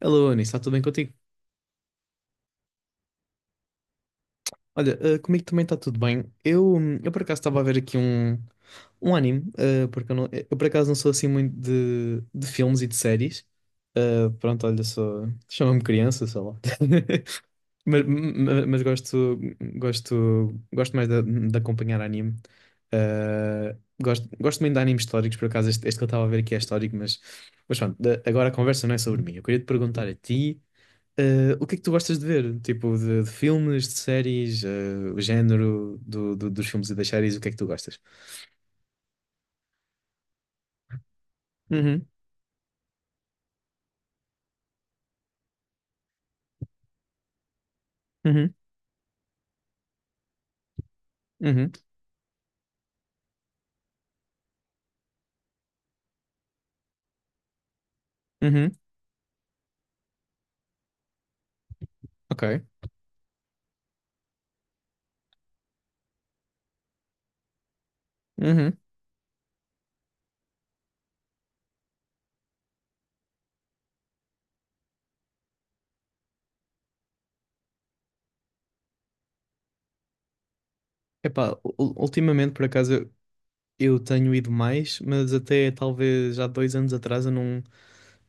Alô, Anis, está tudo bem contigo? Olha, comigo também está tudo bem. Eu por acaso estava a ver aqui um, um anime, porque eu, eu por acaso não sou assim muito de, filmes e de séries. Pronto, olha, sou, chama-me criança, sei lá. Mas gosto, gosto mais de, acompanhar anime. Eh, gosto muito de animes históricos, por acaso este, que eu estava a ver aqui é histórico, mas pronto, agora a conversa não é sobre mim. Eu queria te perguntar a ti. O que é que tu gostas de ver? Tipo, de filmes, de séries, o género dos filmes e das séries, o que é que tu gostas? Uhum, uhum, uhum, uhum, ok. Uhum. Epá, ultimamente, por acaso, eu tenho ido mais, mas até talvez há 2 anos atrás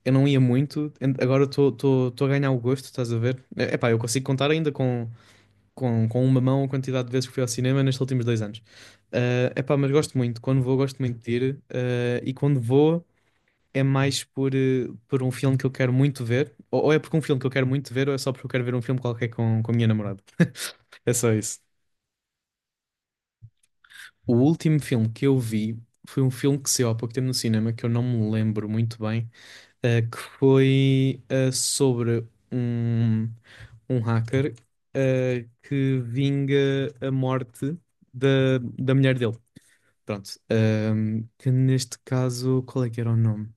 eu não ia muito. Agora estou a ganhar o gosto, estás a ver? Epá, eu consigo contar ainda com, com, uma mão a quantidade de vezes que fui ao cinema nestes últimos 2 anos. Epá, mas gosto muito. Quando vou, gosto muito de ir. E quando vou. É mais por, por um filme que eu quero muito ver, ou, é porque um filme que eu quero muito ver, ou é só porque eu quero ver um filme qualquer com a minha namorada. É só isso. O último filme que eu vi foi um filme que saiu há pouco tempo no cinema, que eu não me lembro muito bem, que foi sobre um, um, hacker que vinga a morte da mulher dele. Pronto. Que neste caso, qual é que era o nome?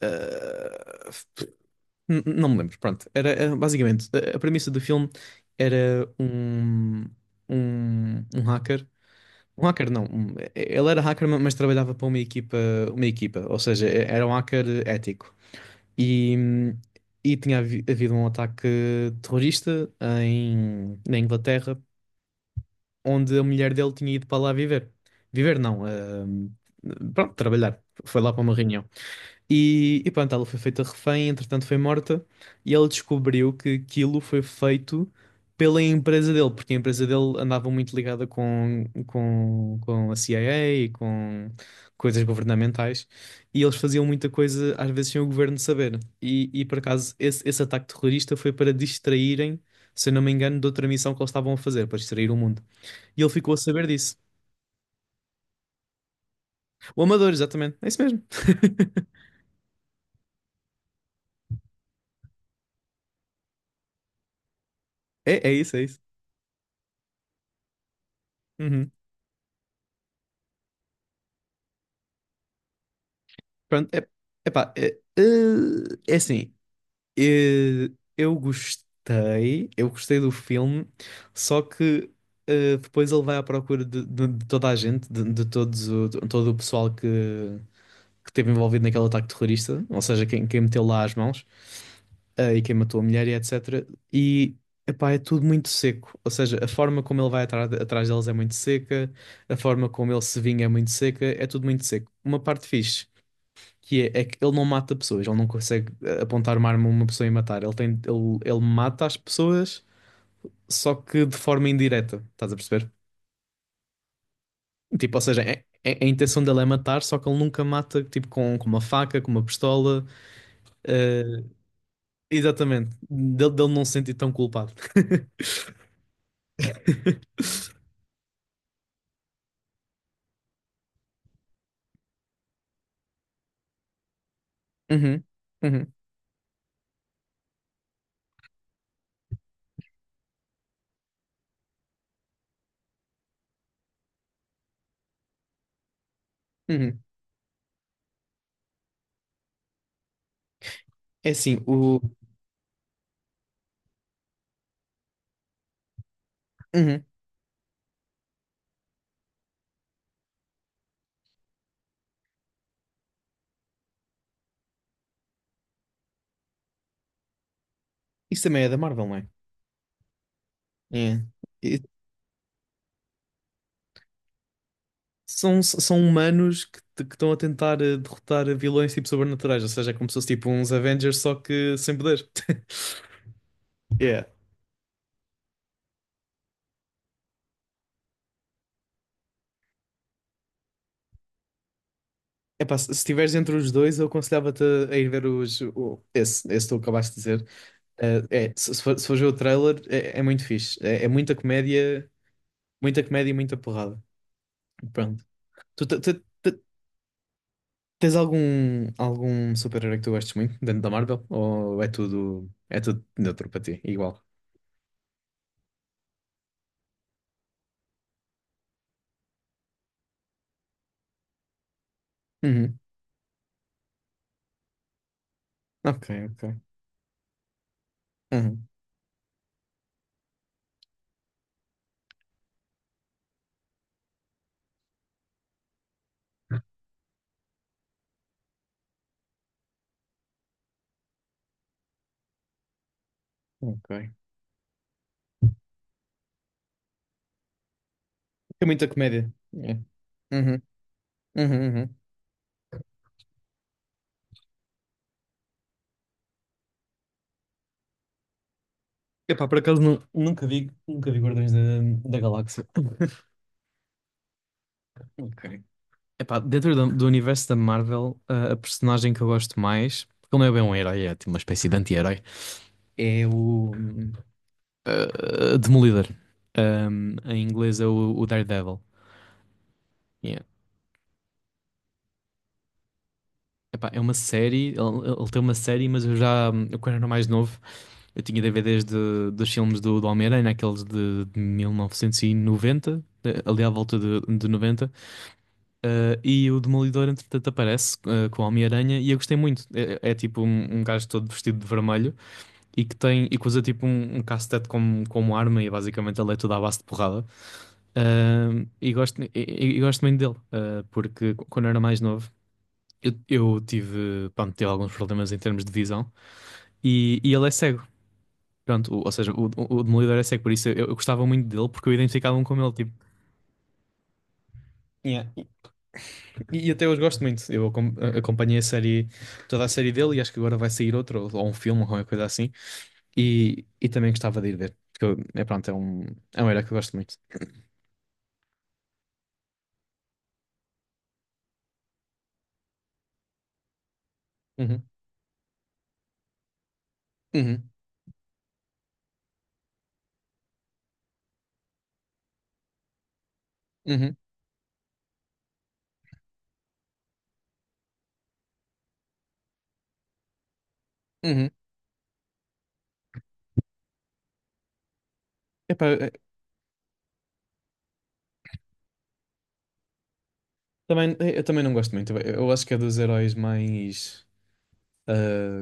Ah, Não me lembro, pronto. Era basicamente a, premissa do filme era um hacker. Um hacker não, ele era hacker, mas trabalhava para uma equipa, ou seja, era um hacker ético. E, hum, e tinha havido um ataque terrorista na Inglaterra, onde a mulher dele tinha ido para lá viver. Viver não, hum, pronto, trabalhar. Foi lá para uma reunião. E pronto, ela foi feita refém, entretanto foi morta, e ele descobriu que aquilo foi feito pela empresa dele, porque a empresa dele andava muito ligada com, com, a CIA e com coisas governamentais, e eles faziam muita coisa, às vezes, sem o governo saber. E por acaso, esse ataque terrorista foi para distraírem, se eu não me engano, de outra missão que eles estavam a fazer, para distrair o mundo. E ele ficou a saber disso. O Amador, exatamente, é isso mesmo. É isso, é isso. Uhum. Pronto, é, epá, é, é assim, eh, eu gostei, do filme, só que depois ele vai à procura de toda a gente, de todo o pessoal que, esteve envolvido naquele ataque terrorista, ou seja, quem meteu lá as mãos, e quem matou a mulher e etc. E, epá, é tudo muito seco, ou seja, a forma como ele vai atrás deles é muito seca, a forma como ele se vinga é muito seca, é tudo muito seco. Uma parte fixe que é que ele não mata pessoas, ele não consegue apontar uma arma a uma pessoa e matar. Ele mata as pessoas, só que de forma indireta, estás a perceber? Tipo, ou seja, a intenção dele é matar, só que ele nunca mata, tipo, com, uma faca, com uma pistola. eh, Exatamente, dele não se sentir tão culpado. Uhum, uhum, uhum. É assim, o. Uhum. Isso também é da Marvel, não é? É. São humanos que, que estão a tentar derrotar vilões tipo sobrenaturais, ou seja, é como se fosse tipo uns Avengers, só que sem poder. Yeah. Epá, se estiveres entre os dois, eu aconselhava-te a ir ver esse que tu acabaste de dizer. É, se fores ver o trailer, é, muito fixe. É muita comédia e muita porrada. Pronto. Tu, te- te- te- tens algum, super-herói que tu gostes muito dentro da Marvel? Ou é tudo neutro para ti? Igual. Uhum. Ok, ok. Uhum. Ok. Tem muita comédia. É. Uhum. Uhum. Uhum. Epá, por acaso nunca vi Guardiões da, Galáxia. Ok. Epá, dentro do, universo da Marvel, a personagem que eu gosto mais, porque ele não é bem um herói, é tipo uma espécie de anti-herói, é o Demolidor. Em inglês é o, Daredevil. Yeah. Epá, é uma série, ele tem uma série, mas eu já, eu quando era mais novo. Eu tinha DVDs dos filmes do, Homem-Aranha, aqueles de 1990, ali à volta de 90, e o Demolidor, entretanto, aparece com o Homem-Aranha, e eu gostei muito. É tipo um, um, gajo todo vestido de vermelho e que tem e que usa tipo um, um, cacetete como arma, e basicamente ele é toda à base de porrada. E gosto muito dele, porque quando eu era mais novo. Eu tive alguns problemas em termos de visão e, ele é cego. Pronto, ou seja, o, Demolidor é cego, por isso eu gostava muito dele, porque eu identificava-me com ele, tipo. Yeah. E até hoje gosto muito. Eu acompanhei a série, toda a série dele, e acho que agora vai sair outro, ou um filme, ou qualquer coisa assim. E também gostava de ir ver, porque é pronto, é um herói que eu gosto muito. Uhum, uhum, uhum, uhum. Epá, eu também não gosto muito. Eu acho que é dos heróis mais.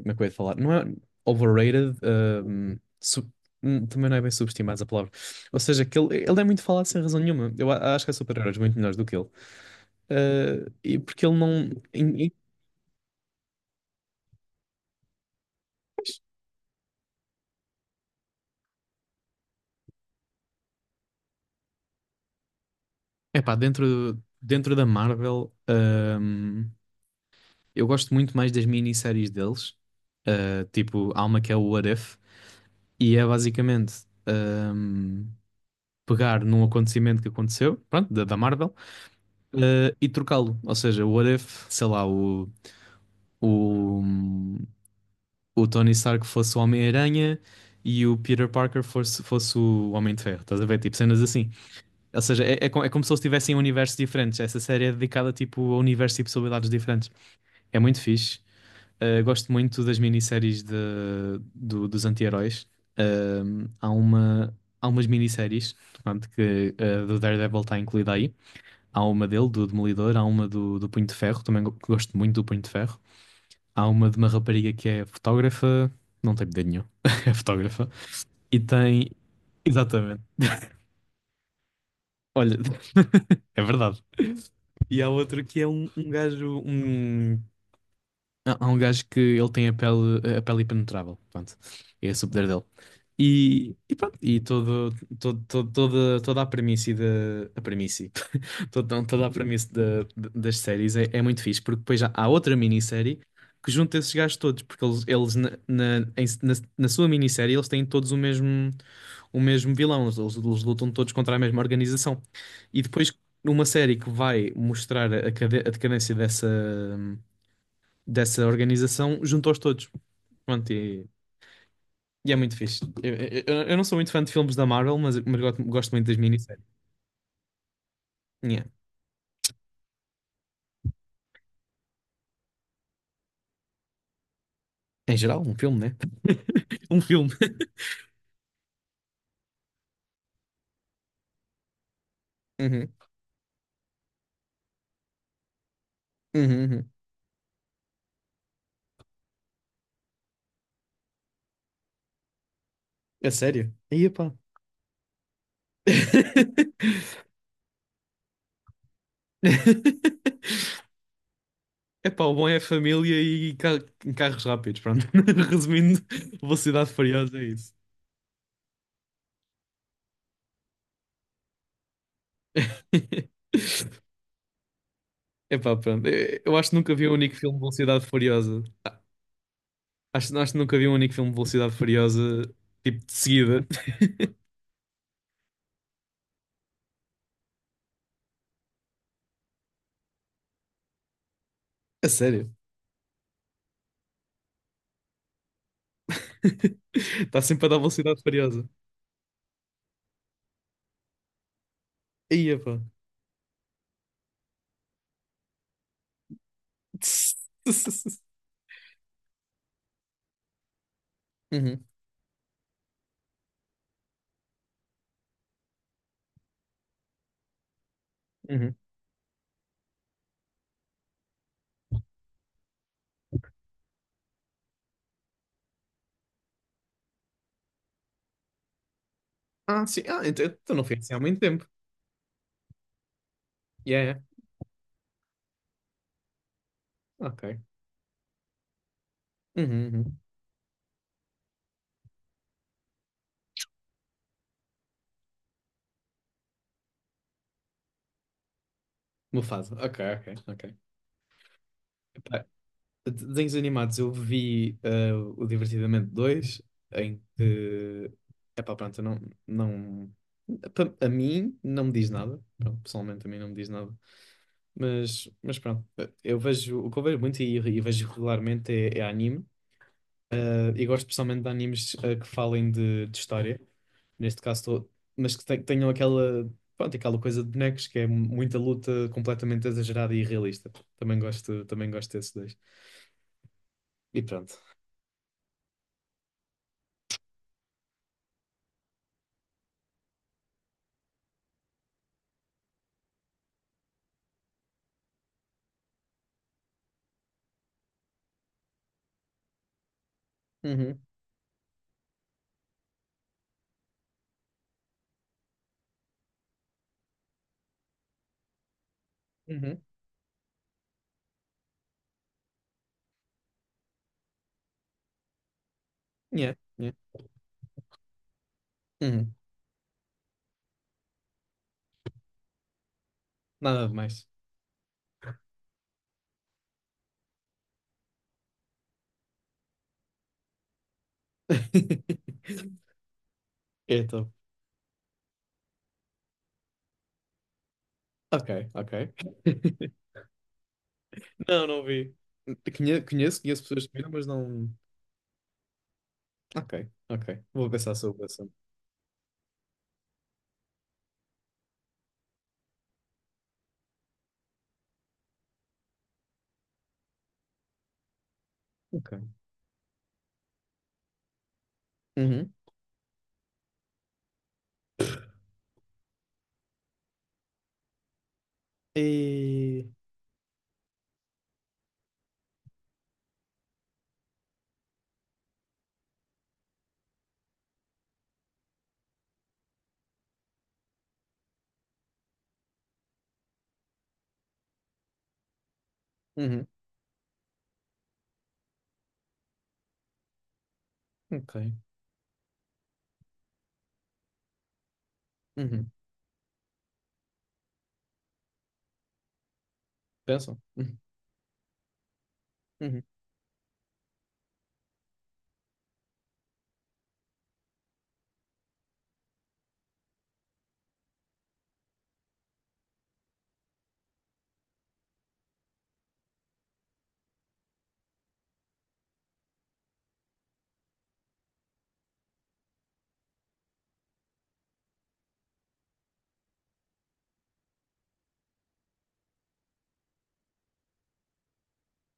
Como é que eu ia falar? Não é overrated, também não é bem subestimado a palavra. Ou seja, que ele, é muito falado sem razão nenhuma. Eu acho que há super-heróis muito melhores do que ele. E porque ele não. Epá, dentro da Marvel, eu gosto muito mais das minisséries deles. Tipo, há uma que é o What If, e é basicamente hum, pegar num acontecimento que aconteceu, pronto, da, Marvel, e trocá-lo. Ou seja, o What If, sei lá, o. o, o, Tony Stark fosse o Homem-Aranha e o Peter Parker fosse o Homem de Ferro. Estás a ver? Tipo, cenas assim. Ou seja, é como se eles tivessem universos diferentes. Essa série é dedicada tipo, a universos e possibilidades diferentes. É muito fixe. Gosto muito das minisséries dos anti-heróis. Há umas minisséries, portanto, que do Daredevil está incluída aí. Há uma dele, do Demolidor, há uma do Punho de Ferro, também gosto muito do Punho de Ferro. Há uma de uma rapariga que é fotógrafa, não tem poder nenhum, é fotógrafa, e tem. Exatamente. Olha, é verdade. E há outro que é um, gajo, um. Há um gajo que ele tem a pele impenetrável. Pronto. É esse o poder dele. E pronto, e toda a premissa da. A premissa. Toda a premissa das séries é, muito fixe, porque depois já há outra minissérie que junta esses gajos todos, porque eles, na sua minissérie eles têm todos o mesmo, vilão, eles lutam todos contra a mesma organização. E depois, numa série que vai mostrar a, a decadência dessa organização juntou-os todos. Pronto, e é muito fixe. Eu não sou muito fã de filmes da Marvel, mas, gosto muito das minisséries. Yeah. Em geral, um filme, né? Um filme. Uhum, uhum, uhum. É sério? Aí, pá. Epá, o bom é a família e carros rápidos, pronto. Resumindo, Velocidade Furiosa é isso. Epá, pronto. Eu acho que nunca vi o único filme de Velocidade Furiosa. Acho que nunca vi um único filme de Velocidade Furiosa, tipo, de seguida. A sério? Está sempre a dar Velocidade Furiosa. Ia, pá. Uhum, uhum. Sim. Então não foi assim há muito tempo. Yeah, yeah. Ok. Uhum, uhum. Mufasa. Ok, ok, ok. Epá, desenhos animados, eu vi o Divertidamente 2 em que... Epá, pronto, eu não... não... pa- A mim não me diz nada. Pronto, pessoalmente a mim não me diz nada. mas, pronto, eu vejo, o que eu vejo muito e, vejo regularmente é anime. E gosto especialmente de animes que falem de história, neste caso, mas que tenham aquela, pronto, aquela coisa de bonecos que é muita luta completamente exagerada e irrealista. Também gosto desses dois. E pronto. Uhum, uhum, yeah, yeah, uhum. Nada de mais. É top. Ok, ok. Não, não vi. Conheço pessoas que viram, mas não. Ok, ok. Vou pensar sobre isso. Ok. Uhum. E. Uhum. Ok. Uhum. Pensam? Uhum. Uhum.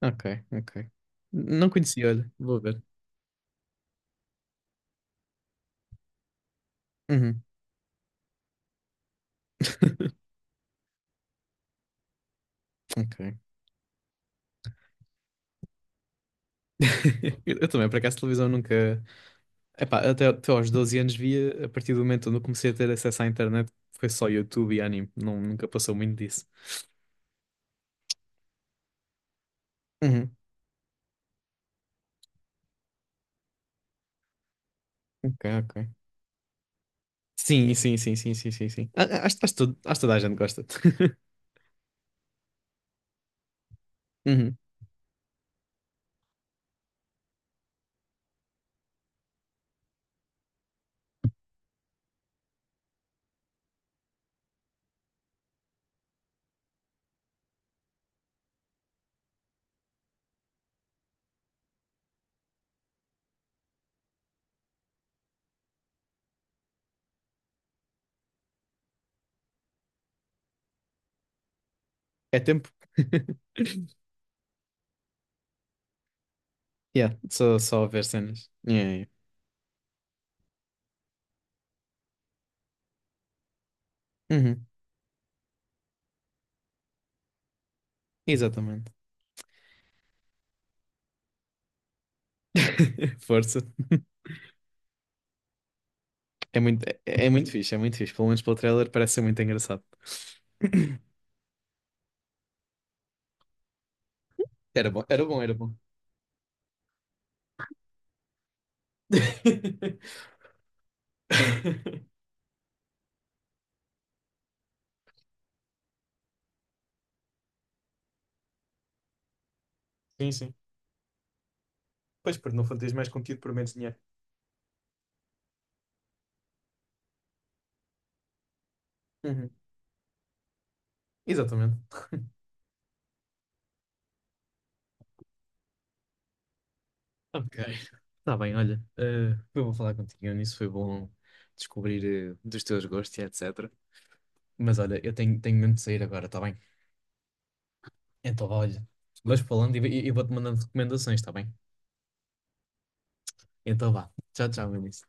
Ok, ok. Não conheci, olha. Vou ver. Uhum. Ok. Eu também, por acaso, televisão nunca. Epá, até aos 12 anos via, a partir do momento onde eu comecei a ter acesso à internet, foi só YouTube e anime. Não, nunca passou muito disso. Uhum. Ok, ok. Sim, sim, sim, sim, sim, sim, sim. Acho toda a gente gosta. Uhum. É tempo. Yeah, só a ver cenas. Yeah, yeah. Uhum, Exatamente. Força. É muito fixe, é muito fixe. Pelo menos pelo trailer parece ser muito engraçado. Era bom, era bom, era bom. Sim, sim. Pois, porque não tens mais conteúdo por menos dinheiro. Uhum, Exatamente. Ok. Tá bem, olha. Foi bom falar contigo, nisso foi bom descobrir dos teus gostos e etc. Mas olha, eu tenho mesmo de sair agora, tá bem? Então, vá, olha. Vais falando e vou-te mandando recomendações, tá bem? Então vá. Tchau, tchau, Vinícius.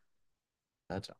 Tchau, tchau.